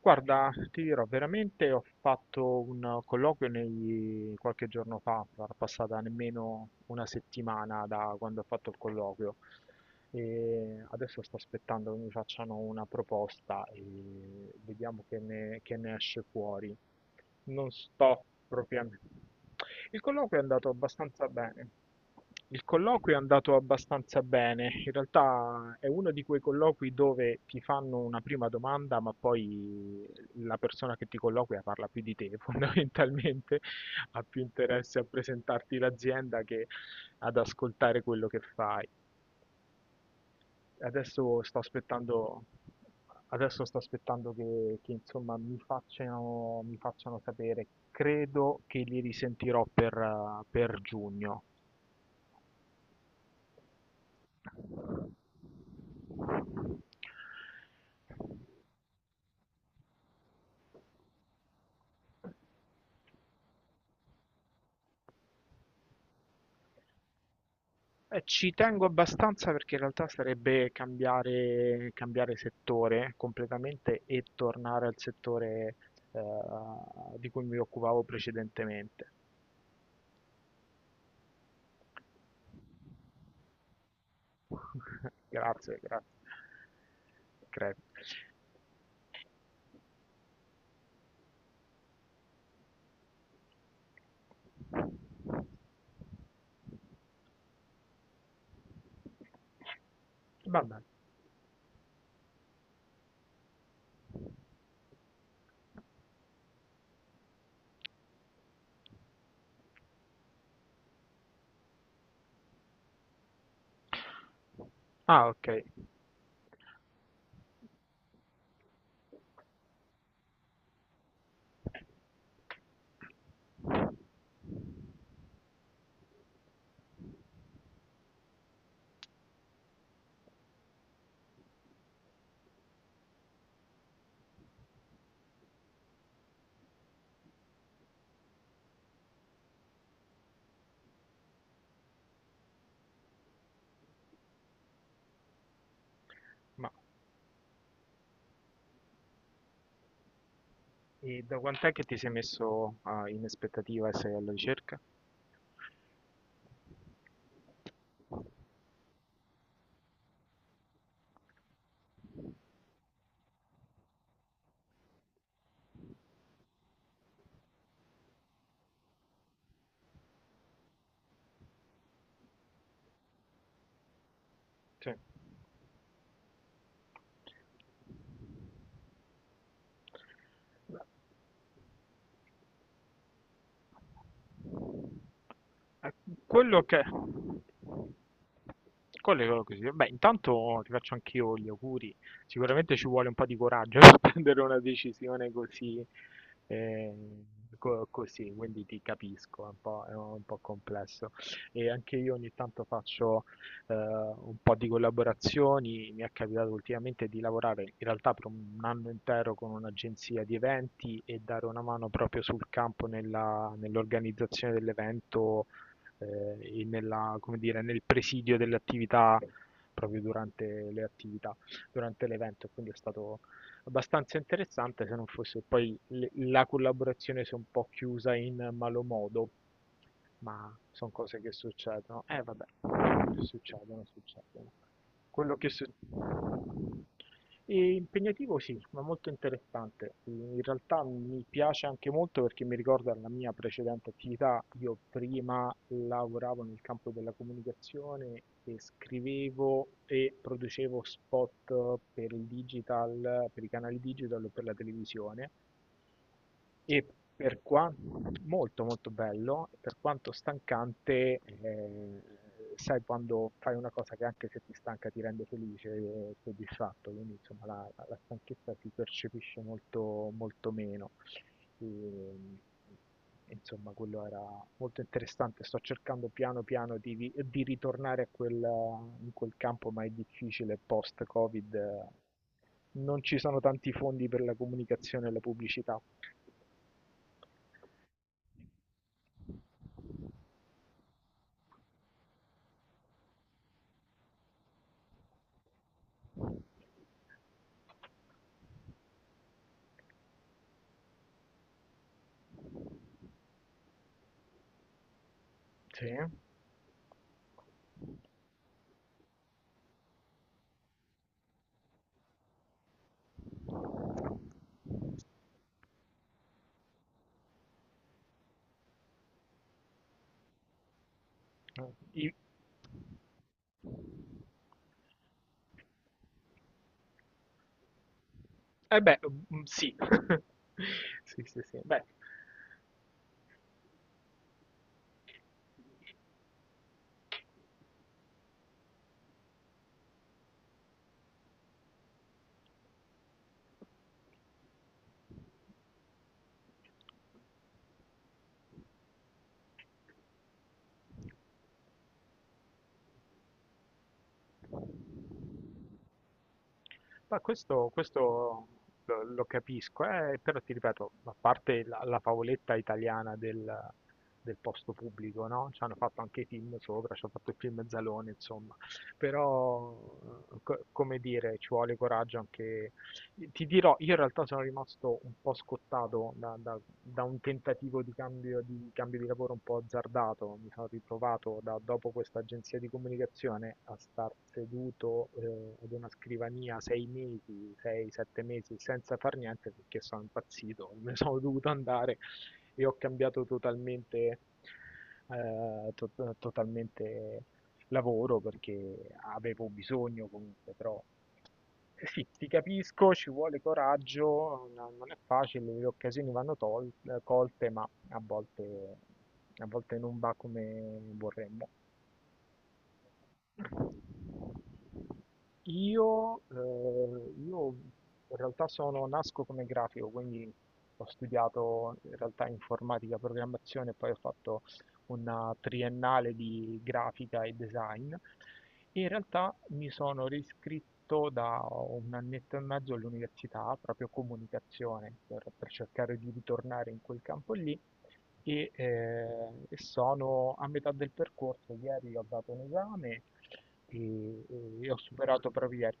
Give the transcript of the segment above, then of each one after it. Guarda, ti dirò, veramente ho fatto un qualche giorno fa, sarà passata nemmeno una settimana da quando ho fatto il colloquio e adesso sto aspettando che mi facciano una proposta e vediamo che ne esce fuori. Non sto propriamente. Il colloquio è andato abbastanza bene. Il colloquio è andato abbastanza bene. In realtà è uno di quei colloqui dove ti fanno una prima domanda, ma poi la persona che ti colloquia parla più di te, fondamentalmente ha più interesse a presentarti l'azienda che ad ascoltare quello che fai. Adesso sto aspettando, adesso sto aspettando che insomma mi facciano sapere. Credo che li risentirò per giugno. Ci tengo abbastanza perché in realtà sarebbe cambiare, cambiare settore completamente e tornare al settore eh, di cui mi occupavo precedentemente. Grazie, grazie. Credo. Vabbè. Ah, ok. Ma e da quant'è che ti sei messo ah, in aspettativa e sei alla ricerca? Sì. Eh, Quello che... Quello è quello così. Beh, intanto ti faccio anch'io gli auguri. Sicuramente ci vuole un po' di coraggio per prendere una decisione così, eh, così, quindi ti capisco, è un po' complesso. E anche io ogni tanto faccio un po' di collaborazioni. Mi è capitato ultimamente di lavorare in realtà per un anno intero con un'agenzia di eventi e dare una mano proprio sul campo nell'organizzazione dell'evento e come dire, nel presidio delle attività proprio durante le attività, durante l'evento. Quindi è stato abbastanza interessante se non fosse poi la collaborazione si è un po' chiusa in malo modo, ma sono cose che succedono. Succedono, succedono. Quello che succede... E impegnativo sì, ma molto interessante. In realtà mi piace anche molto perché mi ricorda la mia precedente attività. Io prima lavoravo nel campo della comunicazione e scrivevo e producevo spot per il digital, per i canali digital o per la televisione. E per quanto molto molto bello, per quanto stancante, sai, quando fai una cosa che anche se ti stanca ti rende felice e soddisfatto, quindi insomma la stanchezza si percepisce molto, molto meno. E, insomma, quello era molto interessante. Sto cercando piano piano di, di ritornare a quel, in quel campo, ma è difficile post-Covid. Non ci sono tanti fondi per la comunicazione e la pubblicità. Sì. Mh, i sì. Sì, sì, sì. Beh, ma questo lo capisco, però ti ripeto, a parte la favoletta italiana del posto pubblico, no, c'hanno fatto anche i film sopra, c'hanno fatto il film Zalone, insomma. Però, co come dire, ci vuole coraggio anche, ti dirò, io in realtà sono rimasto un po' scottato da un tentativo di cambio di lavoro un po' azzardato, mi sono ritrovato dopo questa agenzia di comunicazione a star seduto ad una scrivania sei mesi, sei, sette mesi senza far niente perché sono impazzito, me ne sono dovuto andare e ho cambiato totalmente, totalmente lavoro perché avevo bisogno comunque, però eh sì, ti capisco, ci vuole coraggio, non è facile, le occasioni vanno colte, ma a volte non va come vorremmo. Io, io in realtà sono, nasco come grafico, quindi ho studiato in realtà informatica, programmazione, poi ho fatto una triennale di grafica e design. E in realtà mi sono riscritto da un annetto e mezzo all'università, proprio comunicazione, per cercare di ritornare in quel campo lì e, eh, e sono a metà del percorso. Ieri ho dato un esame e, e ho superato proprio ieri.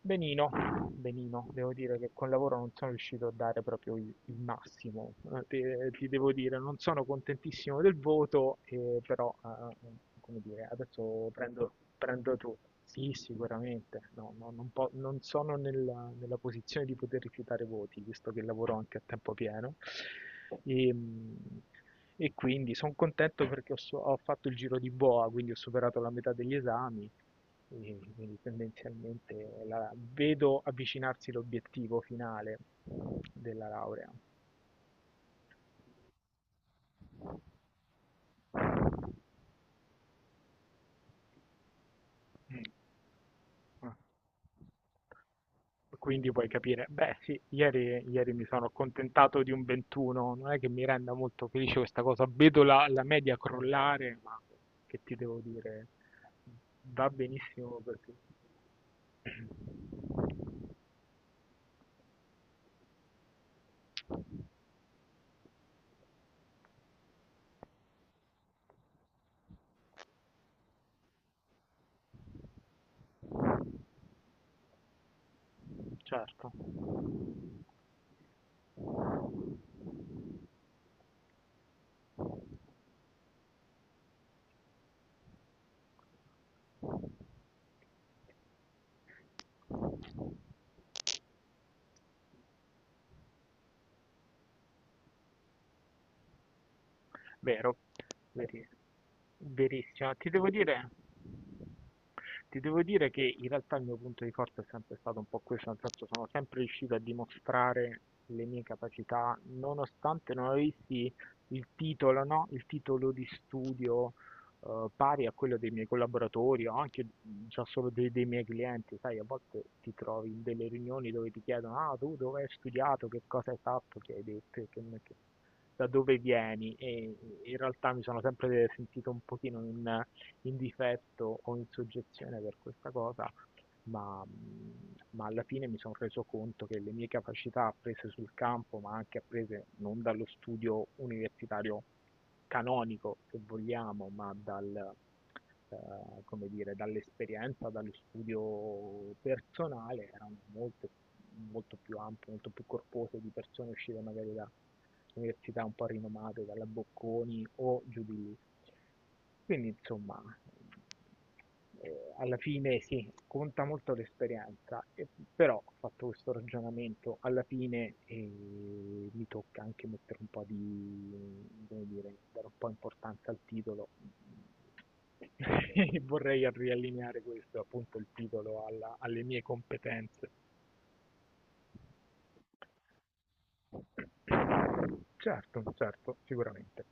Benino, benino, devo dire che col lavoro non sono riuscito a dare proprio il massimo, ti devo dire, non sono contentissimo del voto, però come dire, adesso prendo tu. Sì, sicuramente, no, no, non sono nella posizione di poter rifiutare voti, visto che lavoro anche a tempo pieno. E, mm, e quindi sono contento perché ho, ho fatto il giro di boa, quindi ho superato la metà degli esami, quindi tendenzialmente vedo avvicinarsi l'obiettivo finale della laurea. Mm. Ah, quindi puoi capire, beh sì, ieri, ieri mi sono accontentato di un 21, non è che mi renda molto felice questa cosa, vedo la media crollare, ma che ti devo dire, va benissimo perché... Certo. Vero, veri- verissimo. Ti devo dire che in realtà il mio punto di forza è sempre stato un po' questo, nel senso sono sempre riuscito a dimostrare le mie capacità, nonostante non avessi il titolo, no? Il titolo di studio pari a quello dei miei collaboratori o anche già solo dei miei clienti, sai, a volte ti trovi in delle riunioni dove ti chiedono, ah, tu dove hai studiato, che cosa hai fatto, che hai detto, da dove vieni, e in realtà mi sono sempre sentito un pochino in difetto o in soggezione per questa cosa, ma alla fine mi sono reso conto che le mie capacità apprese sul campo, ma anche apprese non dallo studio universitario canonico, se vogliamo, ma eh, come dire, dall'esperienza, dallo studio personale, erano molto, molto più ampie, molto più corpose di persone uscite magari da università un po' rinomate, dalla Bocconi o giù di lì. Quindi, insomma, alla fine sì, conta molto l'esperienza, però ho fatto questo ragionamento, alla fine mi tocca anche mettere un po' di, come dire, dare un po' importanza al titolo. E vorrei riallineare questo, appunto, il titolo alle mie competenze. Certo, certo, sicuramente.